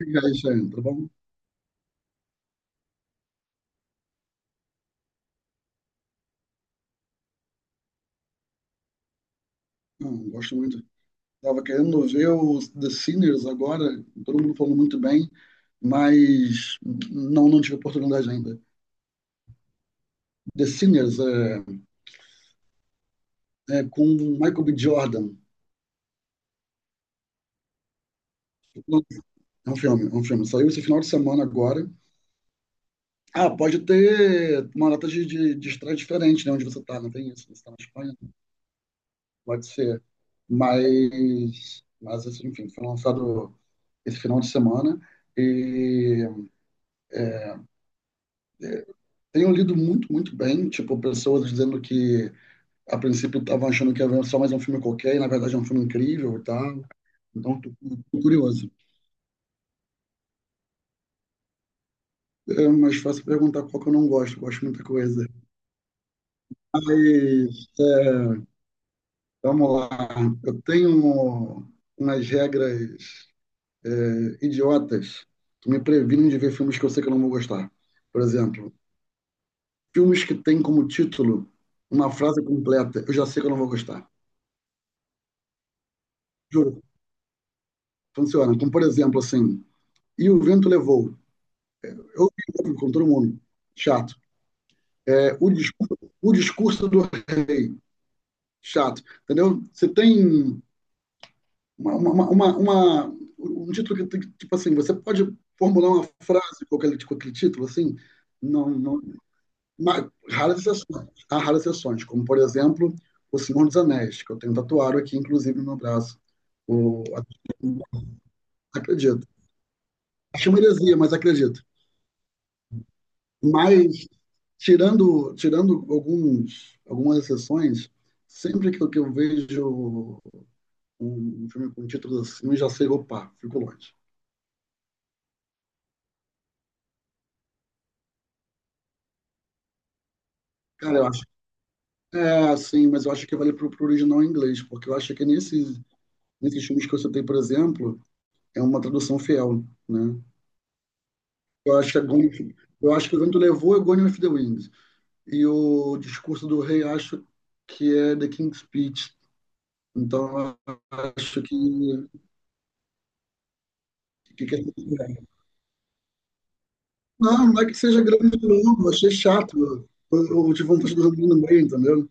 E aí, Sam, bom? Não, gosto muito. Tava querendo ver o The Sinners agora, todo mundo falando muito bem, mas não tive oportunidade ainda. The Sinners é com Michael B. Jordan. É um filme, é um filme. Saiu esse final de semana agora. Ah, pode ter uma data de estreia diferente, né? Onde você tá, não tem isso. Você tá na Espanha, pode ser. Mas assim, enfim, foi lançado esse final de semana. E tenho lido muito, muito bem, tipo, pessoas dizendo que a princípio estavam achando que era só mais um filme qualquer, e na verdade é um filme incrível e tal. Então, tô curioso. É mais fácil perguntar qual que eu não gosto, gosto de muita coisa. Mas, vamos lá. Eu tenho umas regras idiotas que me previnem de ver filmes que eu sei que eu não vou gostar. Por exemplo, filmes que têm como título uma frase completa, eu já sei que eu não vou gostar. Juro, funciona. Como por exemplo, assim, E o Vento Levou, eu brigo com todo mundo. Chato. É, o discurso do rei. Chato. Entendeu? Você tem uma um título que, tipo assim, você pode formular uma frase com aquele título, assim, não, não, mas raras exceções. Há raras exceções, como, por exemplo, O Senhor dos Anéis, que eu tenho tatuado aqui, inclusive, no meu braço. O, acredito. Acho uma heresia, mas acredito. Mas tirando algumas exceções, sempre que eu vejo um filme com títulos assim, eu já sei, opa, fico longe. Cara, eu acho. É, sim, mas eu acho que vale pro original em inglês, porque eu acho que nesses filmes que eu citei, por exemplo, é uma tradução fiel, né? Eu acho que é Gone, eu acho que o vento levou é Gone with the Wind. E o discurso do rei, acho que é The King's Speech. Então, eu acho que. Não, não é que seja grande, não. Eu achei chato. Eu O de Fantástico no meio, entendeu?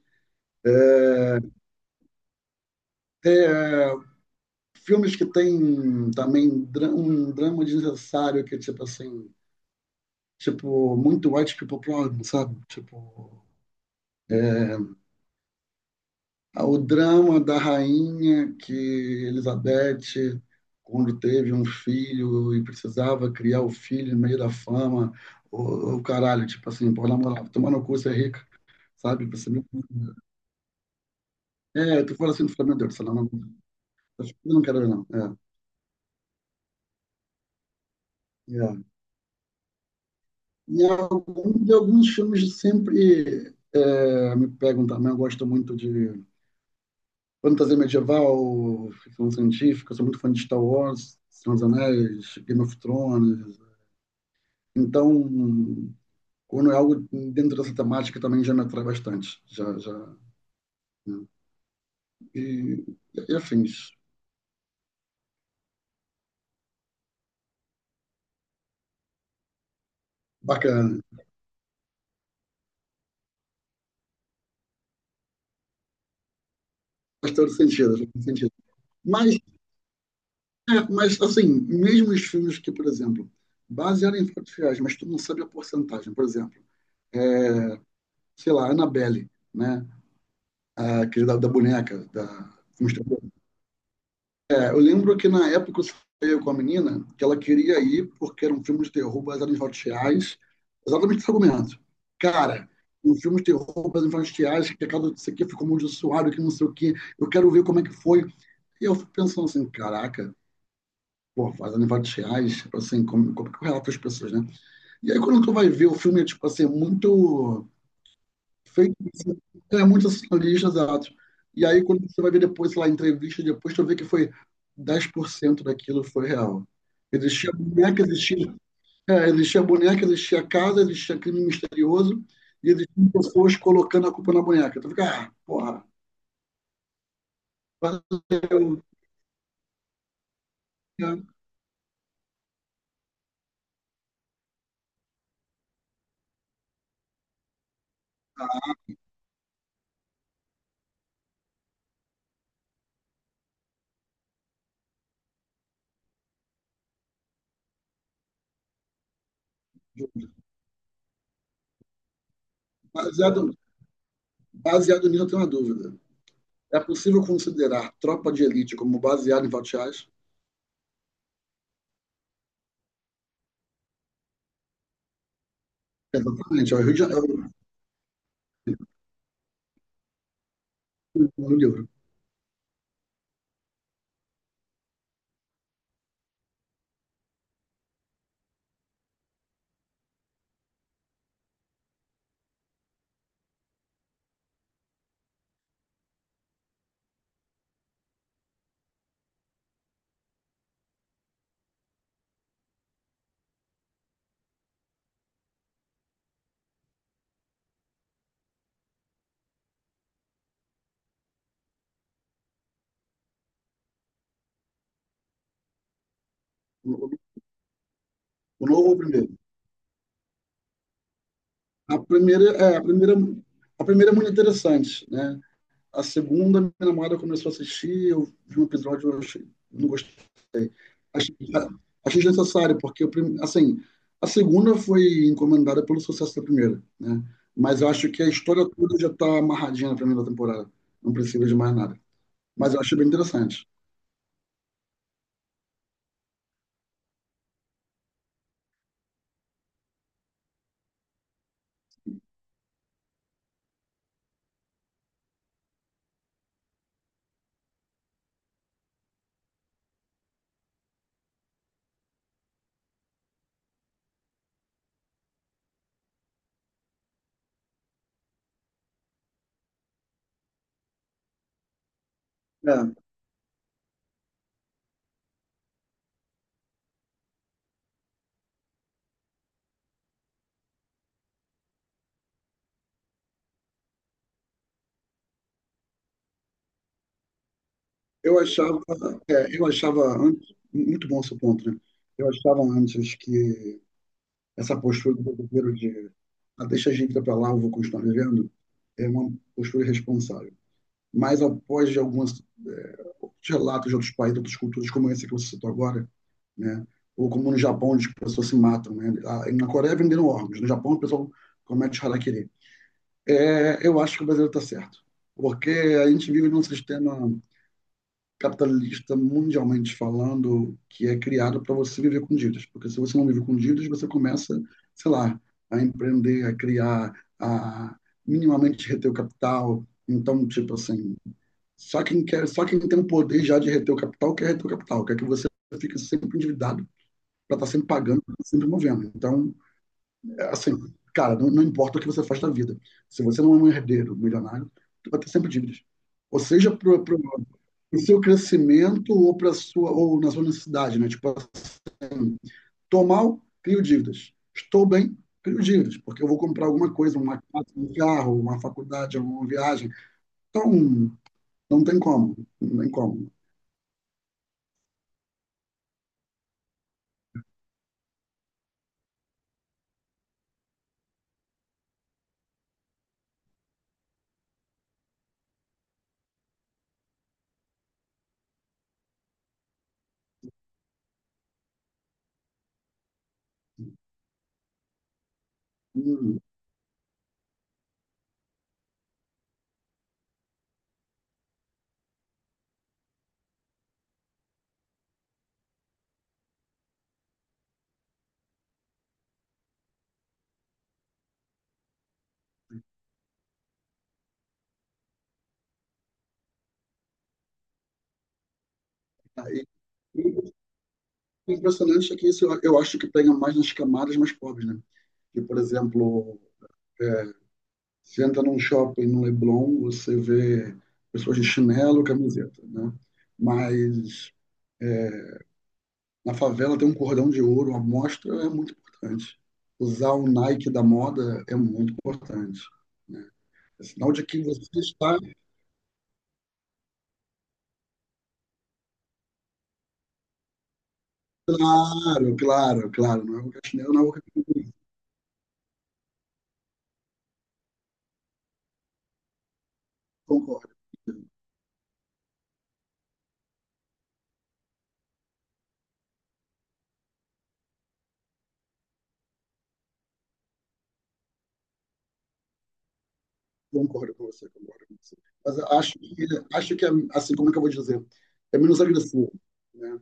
É, filmes que tem também um drama desnecessário, que é tipo assim, tipo, muito white people problem, sabe? Tipo, o drama da rainha que Elizabeth, quando teve um filho e precisava criar o filho no meio da fama, o caralho, tipo assim, pô, na moral, tomar no cu, você é rica, sabe? Você, tu fala assim, tu fala, meu Deus, sei lá, não. Eu não quero ver, não. É, é. E de alguns filmes sempre me pegam também. Eu gosto muito de fantasia medieval, ficção científica. Eu sou muito fã de Star Wars, Senhor dos Anéis, Game of Thrones. Então, quando é algo dentro dessa temática, também já me atrai bastante. Já, já, né? E, e afins. Bacana. Faz todo sentido, faz todo sentido. Mas mas assim, mesmo os filmes que, por exemplo, basearam em fatos reais, mas tu não sabe a porcentagem, por exemplo, é, sei lá, Annabelle, né? Aquele da boneca, da. É, eu lembro que na época eu falei com a menina que ela queria ir porque era um filme de terror baseado em fatos reais, exatamente esse argumento. Cara, um filme de terror baseado em fatos reais, que a casa disso aqui ficou amaldiçoado, que não sei o quê, eu quero ver como é que foi. E eu fico pensando assim, caraca, pô, baseado em fatos reais, assim, como é que eu relato as pessoas, né? E aí, quando tu vai ver o filme, é tipo assim, é muito feito, então é muito assim, exato. E aí, quando você vai ver depois, sei lá, entrevista, depois tu vê que foi 10% daquilo foi real. Existia boneca, existia boneca, existia casa, existia crime misterioso, e existiam pessoas colocando a culpa na boneca. Tu fica, ah, porra, valeu, né? Baseado, baseado nisso, eu tenho uma dúvida. É possível considerar Tropa de Elite como baseado em fatos reais? Exatamente. É o Rio de Janeiro. No livro. O o novo ou o primeiro? A primeira, é, a primeira, a primeira é muito interessante, né? A segunda, minha namorada começou a assistir, eu vi um episódio, eu achei, não gostei. Achei, achei desnecessário, porque, assim, a segunda foi encomendada pelo sucesso da primeira, né? Mas eu acho que a história toda já está amarradinha na primeira temporada. Não precisa de mais nada. Mas eu achei bem interessante. É. Eu achava, eu achava antes, muito bom seu ponto, né? Eu achava antes que essa postura do brasileiro de ah, deixa a gente ir para lá, eu vou continuar vivendo, é uma postura irresponsável. Mas após de alguns outros relatos de outros países, de outras culturas, como esse que você citou agora, né? Ou como no Japão, onde as pessoas se matam, né? Ah, na Coreia venderam órgãos, no Japão o pessoal comete harakiri. É, eu acho que o brasileiro está certo, porque a gente vive num sistema capitalista, mundialmente falando, que é criado para você viver com dívidas. Porque se você não vive com dívidas, você começa, sei lá, a empreender, a criar, a minimamente reter o capital. Então, tipo assim, só quem quer, só quem tem o poder já de reter o capital quer reter o capital, quer que você fique sempre endividado para estar sempre pagando, sempre movendo. Então, assim, cara, não importa o que você faz da vida. Se você não é um herdeiro milionário, tu vai ter sempre dívidas. Ou seja, pro seu crescimento ou para sua ou na sua necessidade, né? Tipo assim, tô mal, crio dívidas. Estou bem, crio dívidas, porque eu vou comprar alguma coisa, uma casa, um carro, uma faculdade, uma viagem. Então, não tem como, não tem como. Hum, aí, o impressionante é que isso eu acho que pega mais nas camadas mais pobres, né? Que, por exemplo, você entra num shopping no Leblon, você vê pessoas de chinelo, camiseta, né? Mas na favela tem um cordão de ouro, a mostra é muito importante. Usar o Nike da moda é muito importante, né? É sinal de que você está. Claro, claro, claro. Não é qualquer chinelo, não é qualquer. Concordo. Concordo com você, concordo com você. Mas eu acho que é, assim, como é que eu vou dizer? É menos agressivo, né?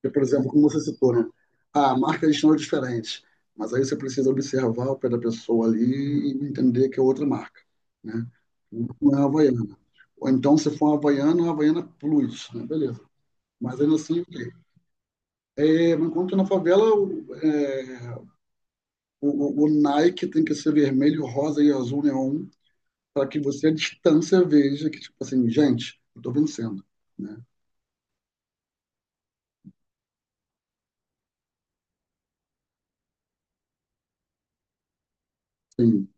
Porque, por exemplo, como você citou, né? Ah, marcas são diferentes, mas aí você precisa observar o pé da pessoa ali e entender que é outra marca, né? Não é a Havaiana. Ou então, se for uma Havaiana Plus, né? Beleza. Mas ainda assim, ok. É, enquanto na favela, o Nike tem que ser vermelho, rosa e azul neon, para que você à distância veja que, tipo assim, gente, eu tô vencendo, né? Sim,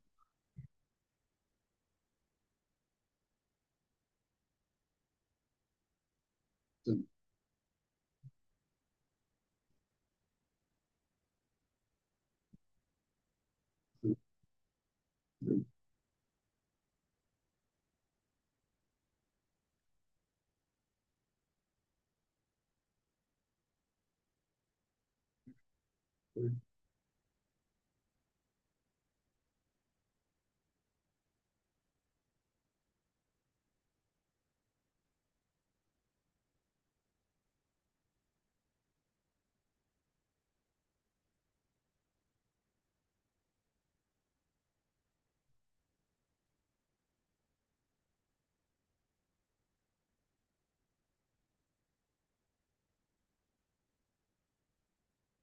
sim, sim.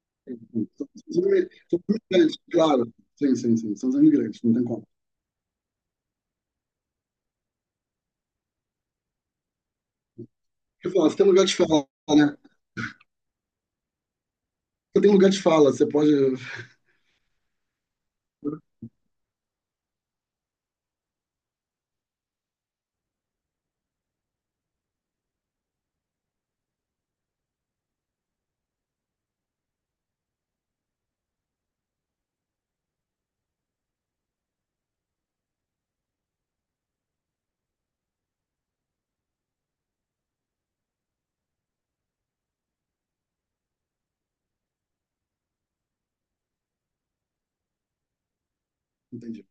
São são imigrantes, claro. Sim, sim, sim. São os imigrantes, não tem como. Eu falo, você tem lugar de fala, né? Você tem lugar de fala, você pode. Entendi.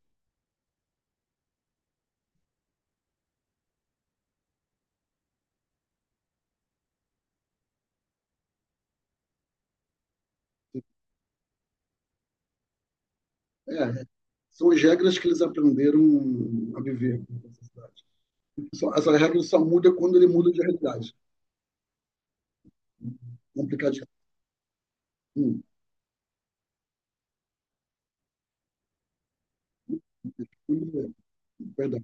É, são as regras que eles aprenderam a viver com essa cidade. Essa regra só muda quando ele muda de realidade. Complicadinho. Hum, Perdão.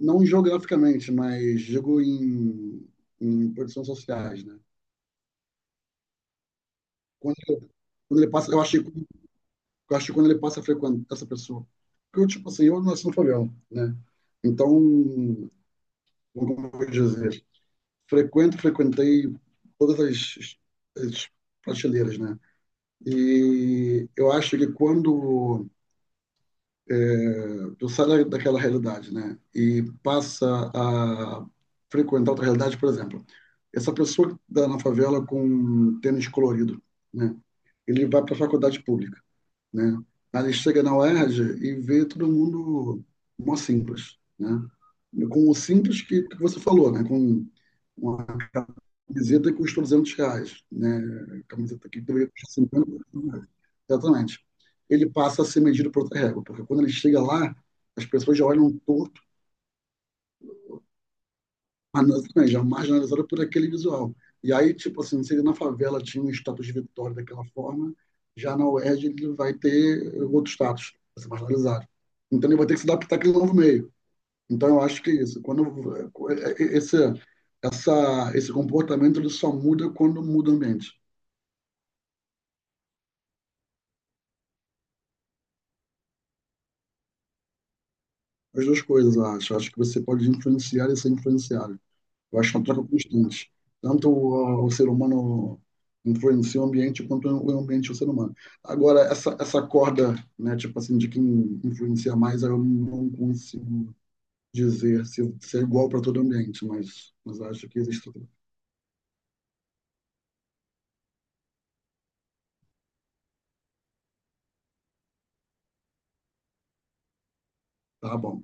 Não geograficamente, mas digo em posições sociais, né? Quando, quando ele passa, eu achei. Eu acho que quando ele passa a frequentar essa pessoa. Porque, eu, tipo assim, eu nasci no favela, né? Então, como eu vou dizer, frequentei todas as prateleiras, né? E eu acho que quando eu saio daquela realidade, né, e passa a frequentar outra realidade, por exemplo, essa pessoa que dá na favela com tênis colorido, né, ele vai para a faculdade pública, né? Aí ele chega na UERJ e R J e vê todo mundo mó simples, né? Com o simples que você falou, né? Com uma camiseta que custa R$ 200, né? Camiseta que deveria custar R$ 50. Exatamente. Ele passa a ser medido por outra régua, porque quando ele chega lá, as pessoas já olham torto mas assim, já é marginalizada por aquele visual. E aí, tipo assim, se ele na favela tinha um status de vitória daquela forma, já na UERJ ele vai ter outro status, vai ser marginalizado. Então ele vai ter que se adaptar àquele novo meio. Então eu acho que é isso. Quando esse comportamento ele só muda quando muda o ambiente. As duas coisas, eu acho. Eu acho que você pode influenciar e ser influenciado. Eu acho que é uma troca constante. Tanto o ser humano influencia o ambiente, quanto o ambiente o ser humano. Agora, essa corda, né, tipo assim, de quem influencia mais, eu não consigo dizer se é igual para todo ambiente, mas acho que existe. Tá bom.